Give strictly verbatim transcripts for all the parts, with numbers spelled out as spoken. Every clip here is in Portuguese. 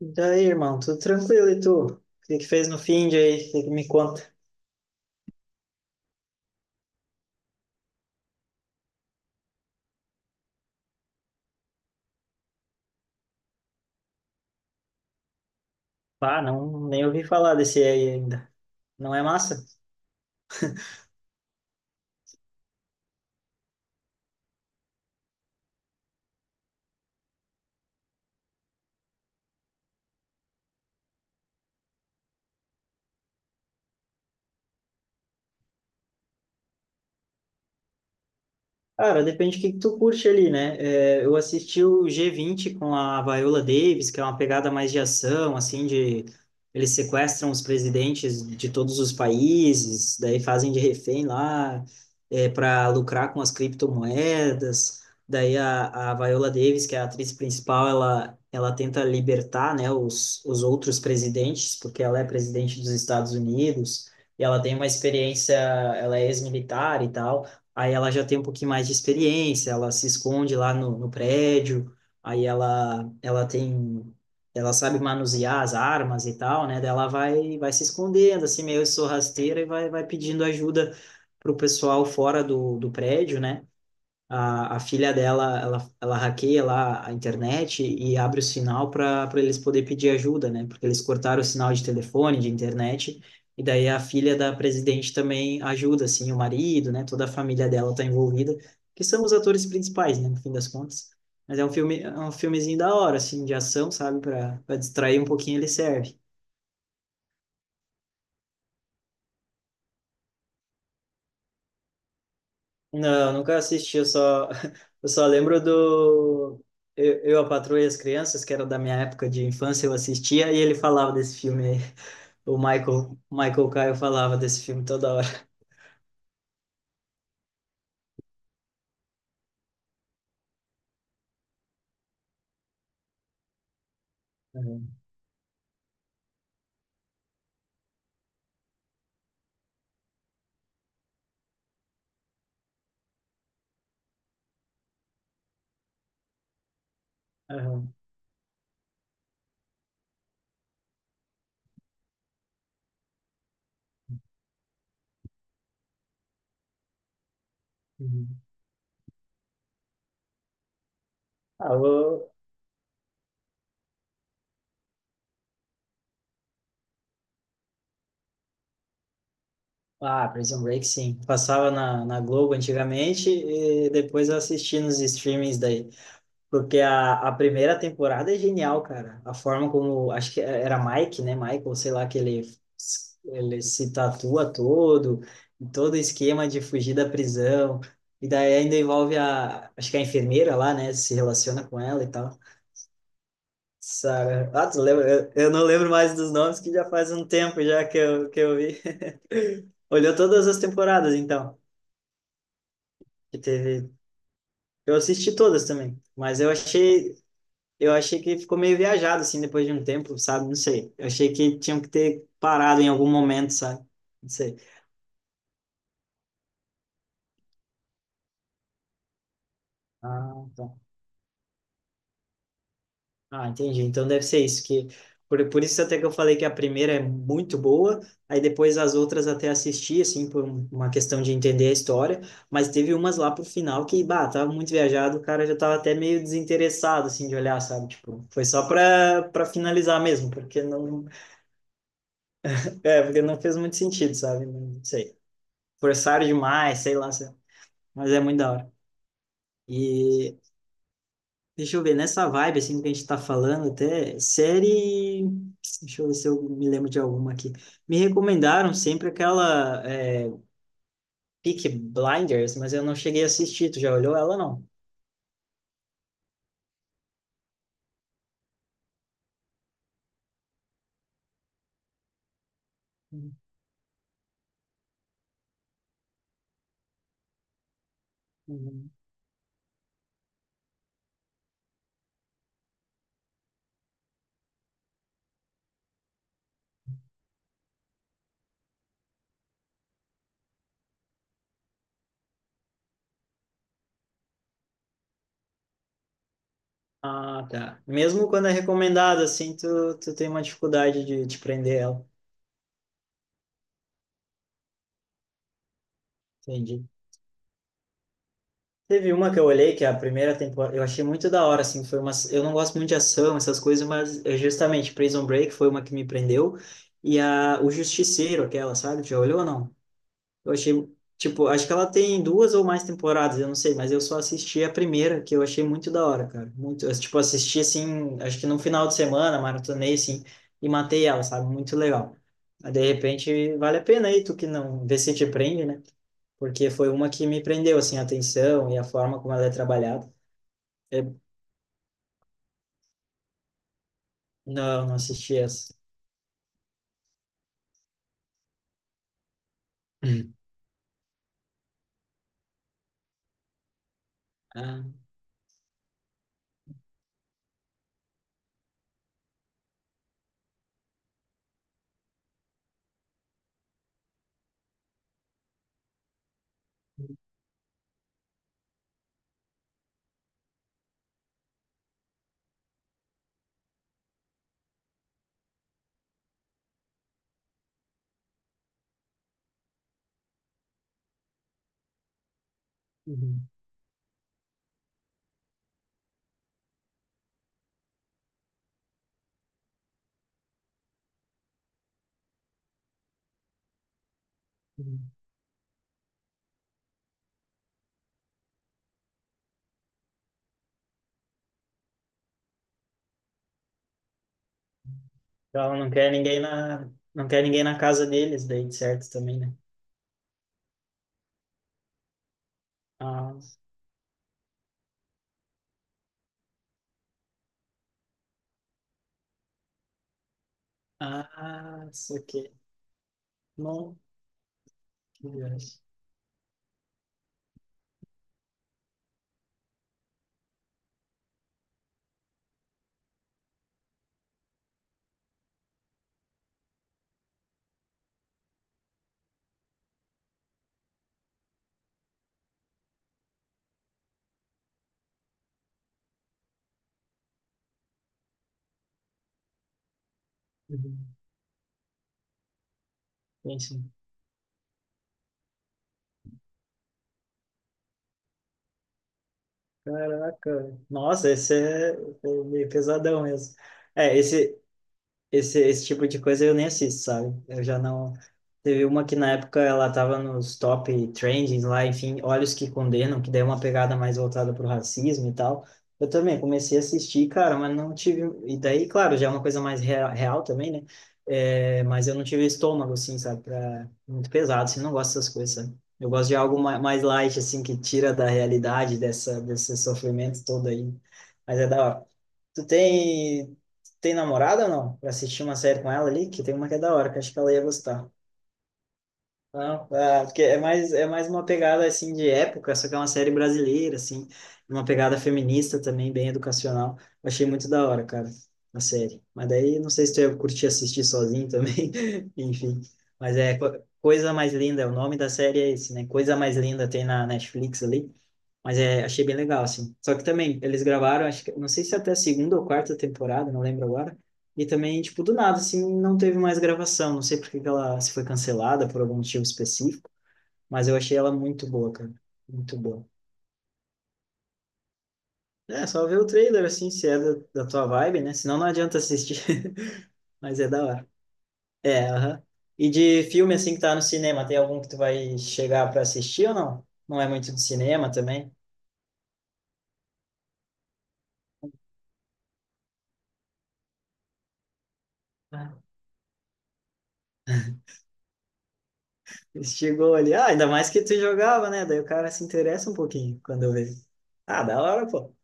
E daí, irmão, tudo tranquilo e tu? O que que fez no fim de aí? O que que me conta? Ah, não, nem ouvi falar desse aí ainda. Não é massa? Cara, depende do que que tu curte ali, né? É, eu assisti o G vinte com a Viola Davis, que é uma pegada mais de ação, assim, de eles sequestram os presidentes de todos os países, daí fazem de refém lá, é, para lucrar com as criptomoedas. Daí a, a Viola Davis, que é a atriz principal, ela, ela tenta libertar, né, os, os outros presidentes, porque ela é presidente dos Estados Unidos, e ela tem uma experiência, ela é ex-militar e tal, aí ela já tem um pouquinho mais de experiência, ela se esconde lá no, no prédio, aí ela, ela tem, ela sabe manusear as armas e tal, né? Daí ela vai, vai se escondendo, assim, meio sorrateira e vai, vai pedindo ajuda pro pessoal fora do, do prédio, né? A, a filha dela, ela, ela hackeia lá a internet e abre o sinal para para eles poderem pedir ajuda, né? Porque eles cortaram o sinal de telefone, de internet, e daí a filha da presidente também ajuda, assim, o marido, né? Toda a família dela está envolvida, que são os atores principais, né? No fim das contas. Mas é um filme, é um filmezinho da hora, assim, de ação, sabe? Para para distrair um pouquinho ele serve. Não, nunca assisti, eu só, eu só lembro do... Eu, eu, A Patroa e as Crianças, que era da minha época de infância, eu assistia e ele falava desse filme aí. O Michael, Michael Caio falava desse filme toda hora. Uhum. Uhum. Uhum. Ah, eu- ah, Prison Break, sim. Passava na, na Globo antigamente e depois eu assisti nos streamings daí. Porque a, a primeira temporada é genial, cara. A forma como, acho que era Mike, né? Michael, sei lá, que ele, ele se tatua todo, todo o esquema de fugir da prisão. E daí ainda envolve a, acho que a enfermeira lá, né? Se relaciona com ela e tal. Sarah, ah, tu lembra? Eu, eu não lembro mais dos nomes, que já faz um tempo já que eu, que eu vi. Olhou todas as temporadas, então, que teve. Eu assisti todas também, mas eu achei. Eu achei que ficou meio viajado, assim, depois de um tempo, sabe? Não sei. Eu achei que tinham que ter parado em algum momento, sabe? Não sei. Ah, tá. Ah, entendi. Então deve ser isso, que... Por, por isso até que eu falei que a primeira é muito boa, aí depois as outras até assisti, assim, por um- uma questão de entender a história, mas teve umas lá pro final que, bah, tava muito viajado, o cara já tava até meio desinteressado, assim, de olhar, sabe? Tipo, foi só pra, pra finalizar mesmo, porque não... É, porque não fez muito sentido, sabe? Não sei. Forçaram demais, sei lá, sei- mas é muito da hora. E Deixa eu ver, nessa vibe assim que a gente tá falando até, série, deixa eu ver se eu me lembro de alguma aqui. Me recomendaram sempre aquela é, Peaky Blinders, mas eu não cheguei a assistir, tu já olhou ela não? Uhum. Ah, tá. Mesmo quando é recomendado assim, tu, tu tem uma dificuldade de, de prender ela. Entendi. Teve uma que eu olhei, que é a primeira temporada, eu achei muito da hora, assim, foi uma, eu não gosto muito de ação, essas coisas, mas é justamente Prison Break foi uma que me prendeu, e a, o Justiceiro, aquela, sabe, já olhou ou não? Eu achei, tipo, acho que ela tem duas ou mais temporadas, eu não sei, mas eu só assisti a primeira, que eu achei muito da hora, cara, muito, eu, tipo, assisti, assim, acho que num final de semana, maratonei, assim, e matei ela, sabe, muito legal. Mas, de repente, vale a pena aí, tu que não, vê se te prende, né? Porque foi uma que me prendeu, assim, a atenção e a forma como ela é trabalhada. Eu- não, não assisti essa. Hum. Ah, uhum, uhum. Então, ela não quer ninguém na, não quer ninguém na casa deles, daí, de certo, também, né? Ah, ah, isso aqui. Não, que viagem. Uhum. Sim, sim. Caraca, nossa, esse é é meio pesadão mesmo. É, esse, esse, esse tipo de coisa eu nem assisto, sabe? Eu já não. Teve uma que na época ela tava nos top trendings lá, enfim, Olhos que Condenam, que daí é uma pegada mais voltada pro racismo e tal. Eu também comecei a assistir, cara, mas não tive. E daí, claro, já é uma coisa mais real, real também, né? É, mas eu não tive estômago, assim, sabe? Pra... Muito pesado, assim, não gosto dessas coisas, sabe? Eu gosto de algo ma- mais light, assim, que tira da realidade dessa, desse sofrimento todo aí. Mas é da hora. Tu tem. Tem namorada ou não? Pra assistir uma série com ela ali, que tem uma que é da hora, que eu acho que ela ia gostar. Não, ah, porque é mais, é mais uma pegada assim de época, só que é uma série brasileira, assim, uma pegada feminista também, bem educacional. Eu achei muito da hora, cara, a série. Mas daí não sei se tu ia curtir assistir sozinho também, enfim. Mas é Co- Coisa Mais Linda, o nome da série é esse, né? Coisa Mais Linda tem na Netflix ali. Mas é, achei bem legal, assim. Só que também, eles gravaram, acho que, não sei se é até a segunda ou quarta temporada, não lembro agora, e também, tipo, do nada, assim, não teve mais gravação. Não sei por que que ela se foi cancelada por algum motivo específico, mas eu achei ela muito boa, cara. Muito boa. É, só ver o trailer, assim, se é da, da tua vibe, né? Senão não adianta assistir. Mas é da hora. É, aham. E de filme, assim, que tá no cinema, tem algum que tu vai chegar pra assistir ou não? Não é muito de cinema também? Ah. Chegou ali. Ah, ainda mais que tu jogava, né? Daí o cara se interessa um pouquinho quando eu vejo. Ah, da hora, pô.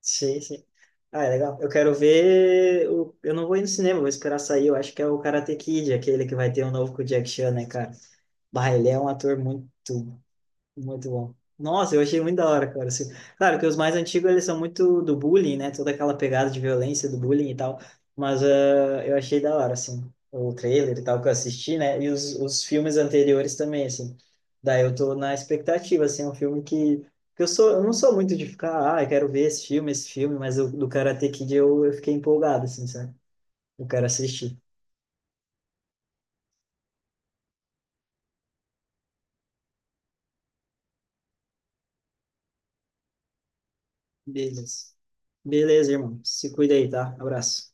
Sim, sim. Ah, é legal. Eu quero ver. O... Eu não vou ir no cinema, vou esperar sair. Eu acho que é o Karate Kid, aquele que vai ter um novo com o Jack Chan, né, cara? Bah, ele é um ator muito muito bom. Nossa, eu achei muito da hora, cara. Assim, claro que os mais antigos eles são muito do bullying, né? Toda aquela pegada de violência do bullying e tal. Mas ah, eu achei da hora, assim, o trailer e tal que eu assisti, né? E os, os filmes anteriores também, assim. Daí eu tô na expectativa, assim, é um filme que, que eu sou, eu não sou muito de ficar, ah, eu quero ver esse filme, esse filme, mas o do Karate Kid eu, eu fiquei empolgado, assim, sabe? Eu quero assistir. Beleza. Beleza, irmão. Se cuida aí, tá? Abraço.